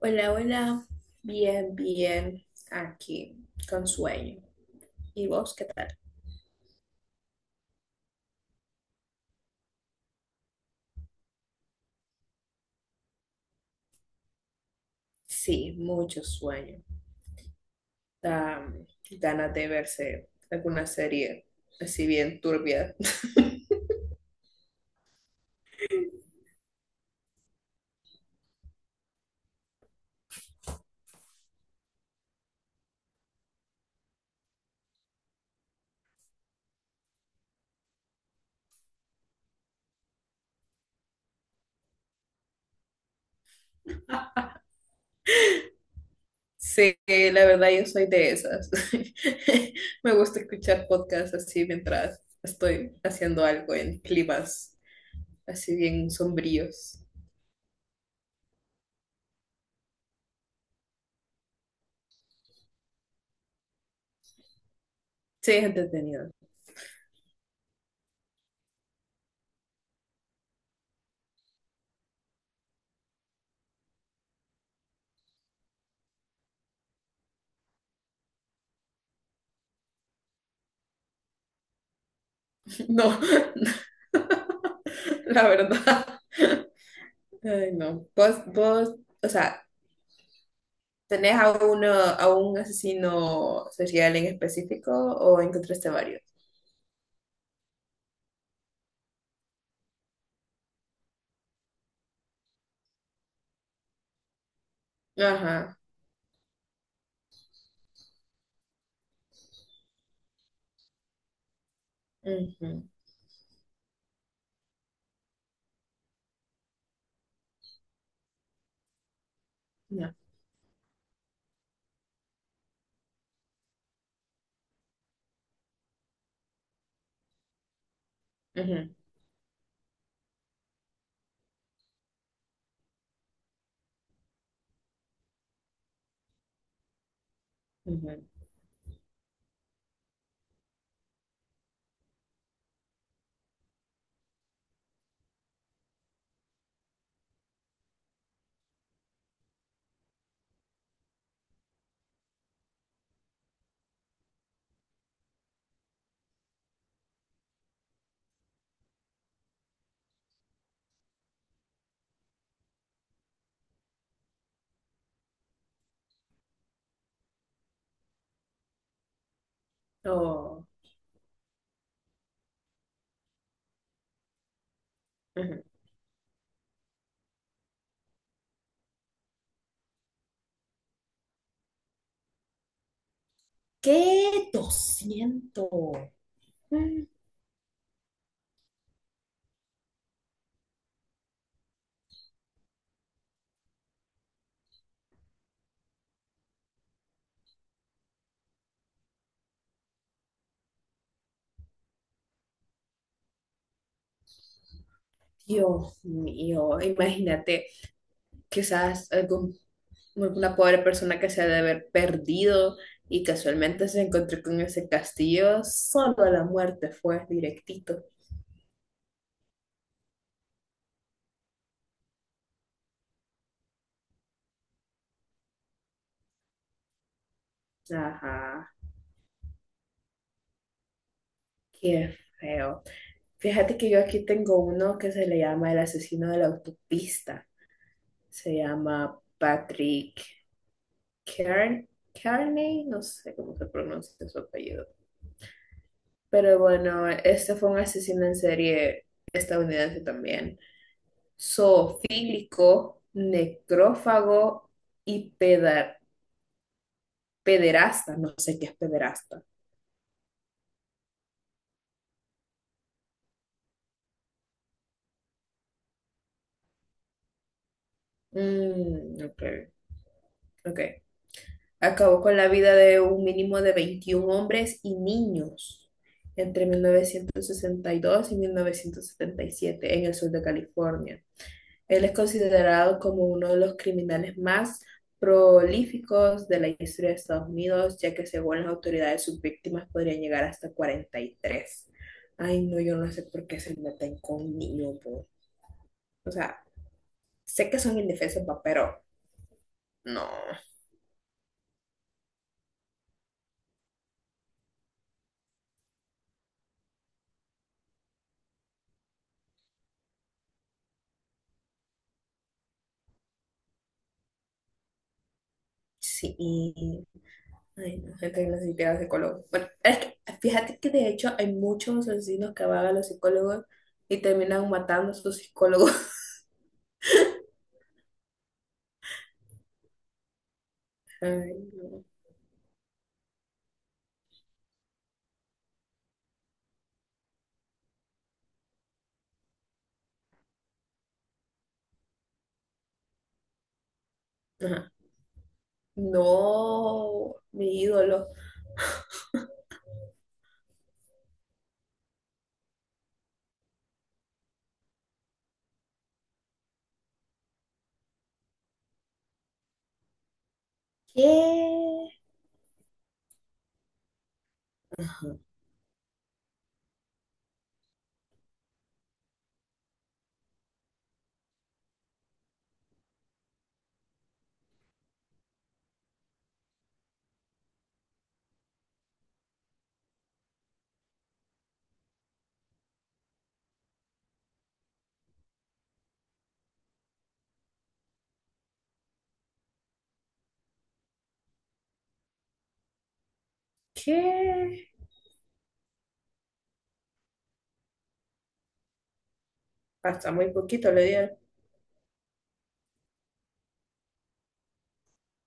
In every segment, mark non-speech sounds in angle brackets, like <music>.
Hola, hola. Bien, bien. Aquí, con sueño. ¿Y vos qué tal? Sí, mucho sueño. Da ganas de verse alguna serie así bien turbia. <laughs> Sí, la verdad yo soy de esas. <laughs> Me gusta escuchar podcasts así mientras estoy haciendo algo en climas así bien sombríos. Sí, es entretenido. No, <laughs> la verdad. Ay, no. Vos, o sea, ¿tenés a uno, a un asesino serial en específico o encontraste varios? Ajá. Ujú. No. Ujú. Ujú. Oh. Ujú. ¿Qué 200? Mm. Dios mío, imagínate, quizás algún una pobre persona que se ha de haber perdido y casualmente se encontró con ese castillo, solo la muerte fue directito. Ajá, qué feo. Fíjate que yo aquí tengo uno que se le llama el asesino de la autopista. Se llama Patrick Kern Kearney, no sé cómo se pronuncia su apellido. Pero bueno, este fue un asesino en serie estadounidense también. Zoofílico, necrófago y pederasta. No sé qué es pederasta. Mm, ok, ok. Acabó con la vida de un mínimo de 21 hombres y niños entre 1962 y 1977 en el sur de California. Él es considerado como uno de los criminales más prolíficos de la historia de Estados Unidos, ya que según las autoridades sus víctimas podrían llegar hasta 43. Ay, no, yo no sé por qué se meten con niños, po. O sea, sé que son indefensos, pa, pero no. Sí. Ay, no, gente que necesita psicólogos. Bueno, es que fíjate que de hecho hay muchos asesinos que van a los psicólogos y terminan matando a sus psicólogos. <laughs> Ay, no. Ajá. No, mi ídolo. ¿Qué? ¿Qué? Hasta muy poquito le dieron.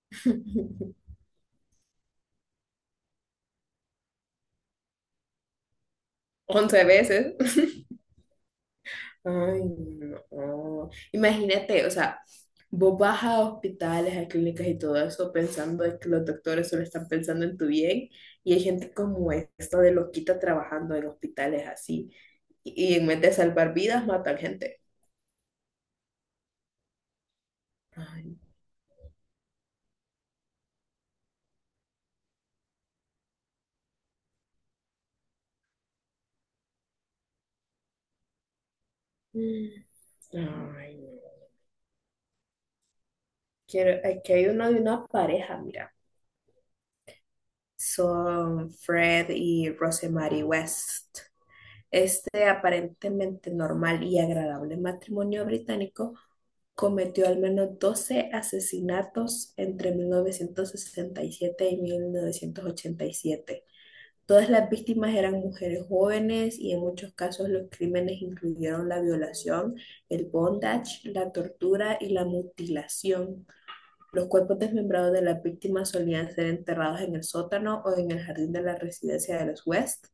<laughs> 11 veces. Ay, no. Imagínate, o sea, vos vas a hospitales, a clínicas y todo eso pensando de que los doctores solo están pensando en tu bien y hay gente como esta de loquita trabajando en hospitales así y en vez de salvar vidas matan gente. Ay, ay, no. Quiero, aquí hay uno de una pareja, mira. Son Fred y Rosemary West. Este aparentemente normal y agradable matrimonio británico cometió al menos 12 asesinatos entre 1967 y 1987. Todas las víctimas eran mujeres jóvenes y en muchos casos los crímenes incluyeron la violación, el bondage, la tortura y la mutilación. Los cuerpos desmembrados de las víctimas solían ser enterrados en el sótano o en el jardín de la residencia de los West,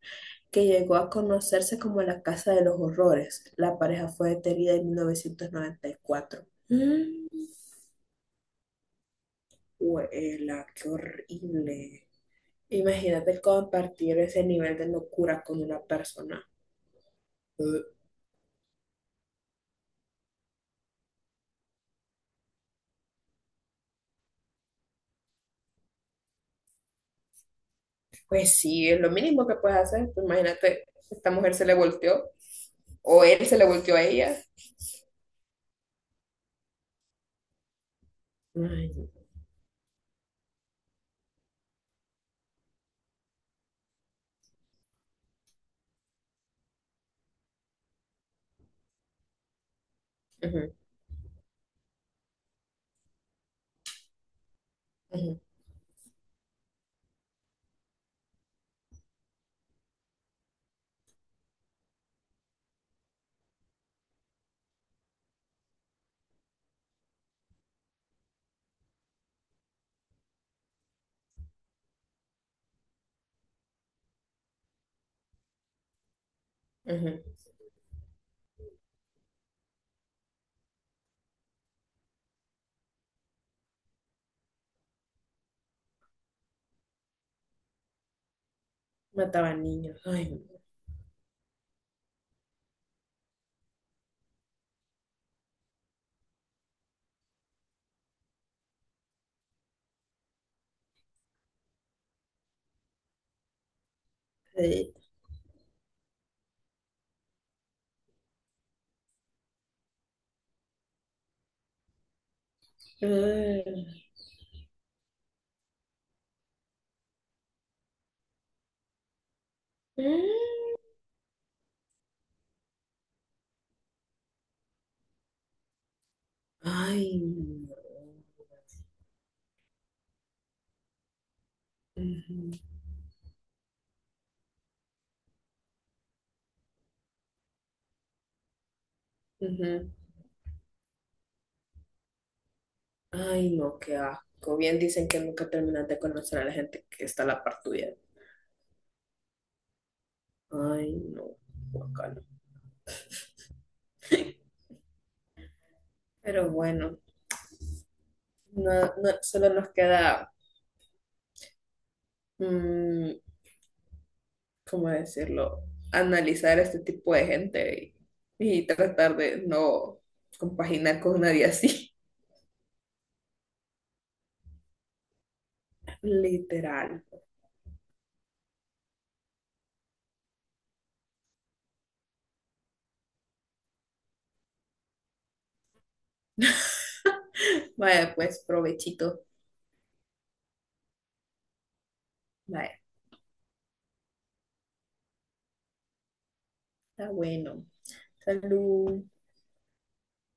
que llegó a conocerse como la Casa de los Horrores. La pareja fue detenida en 1994. Mm. Huela, qué horrible. Imagínate compartir ese nivel de locura con una persona. Uh. Pues sí, es lo mínimo que puedes hacer. Pues imagínate, esta mujer se le volteó o él se le volteó a ella. Ay. Ujú. Ujú. Ujú. Mataban niños. Ay. Eh. Eh. Eh. Ay, no. Ujú. Ujú. Ay, no, qué asco. Bien dicen que nunca terminas de conocer a la gente que está a la par tuya. Ay, no, guacala. Pero bueno, no, no, solo nos queda, mm, ¿cómo decirlo? Analizar este tipo de gente y tratar de no compaginar con nadie así. <laughs> Literal. Vaya, pues, provechito. Bye. Está bueno. Salud.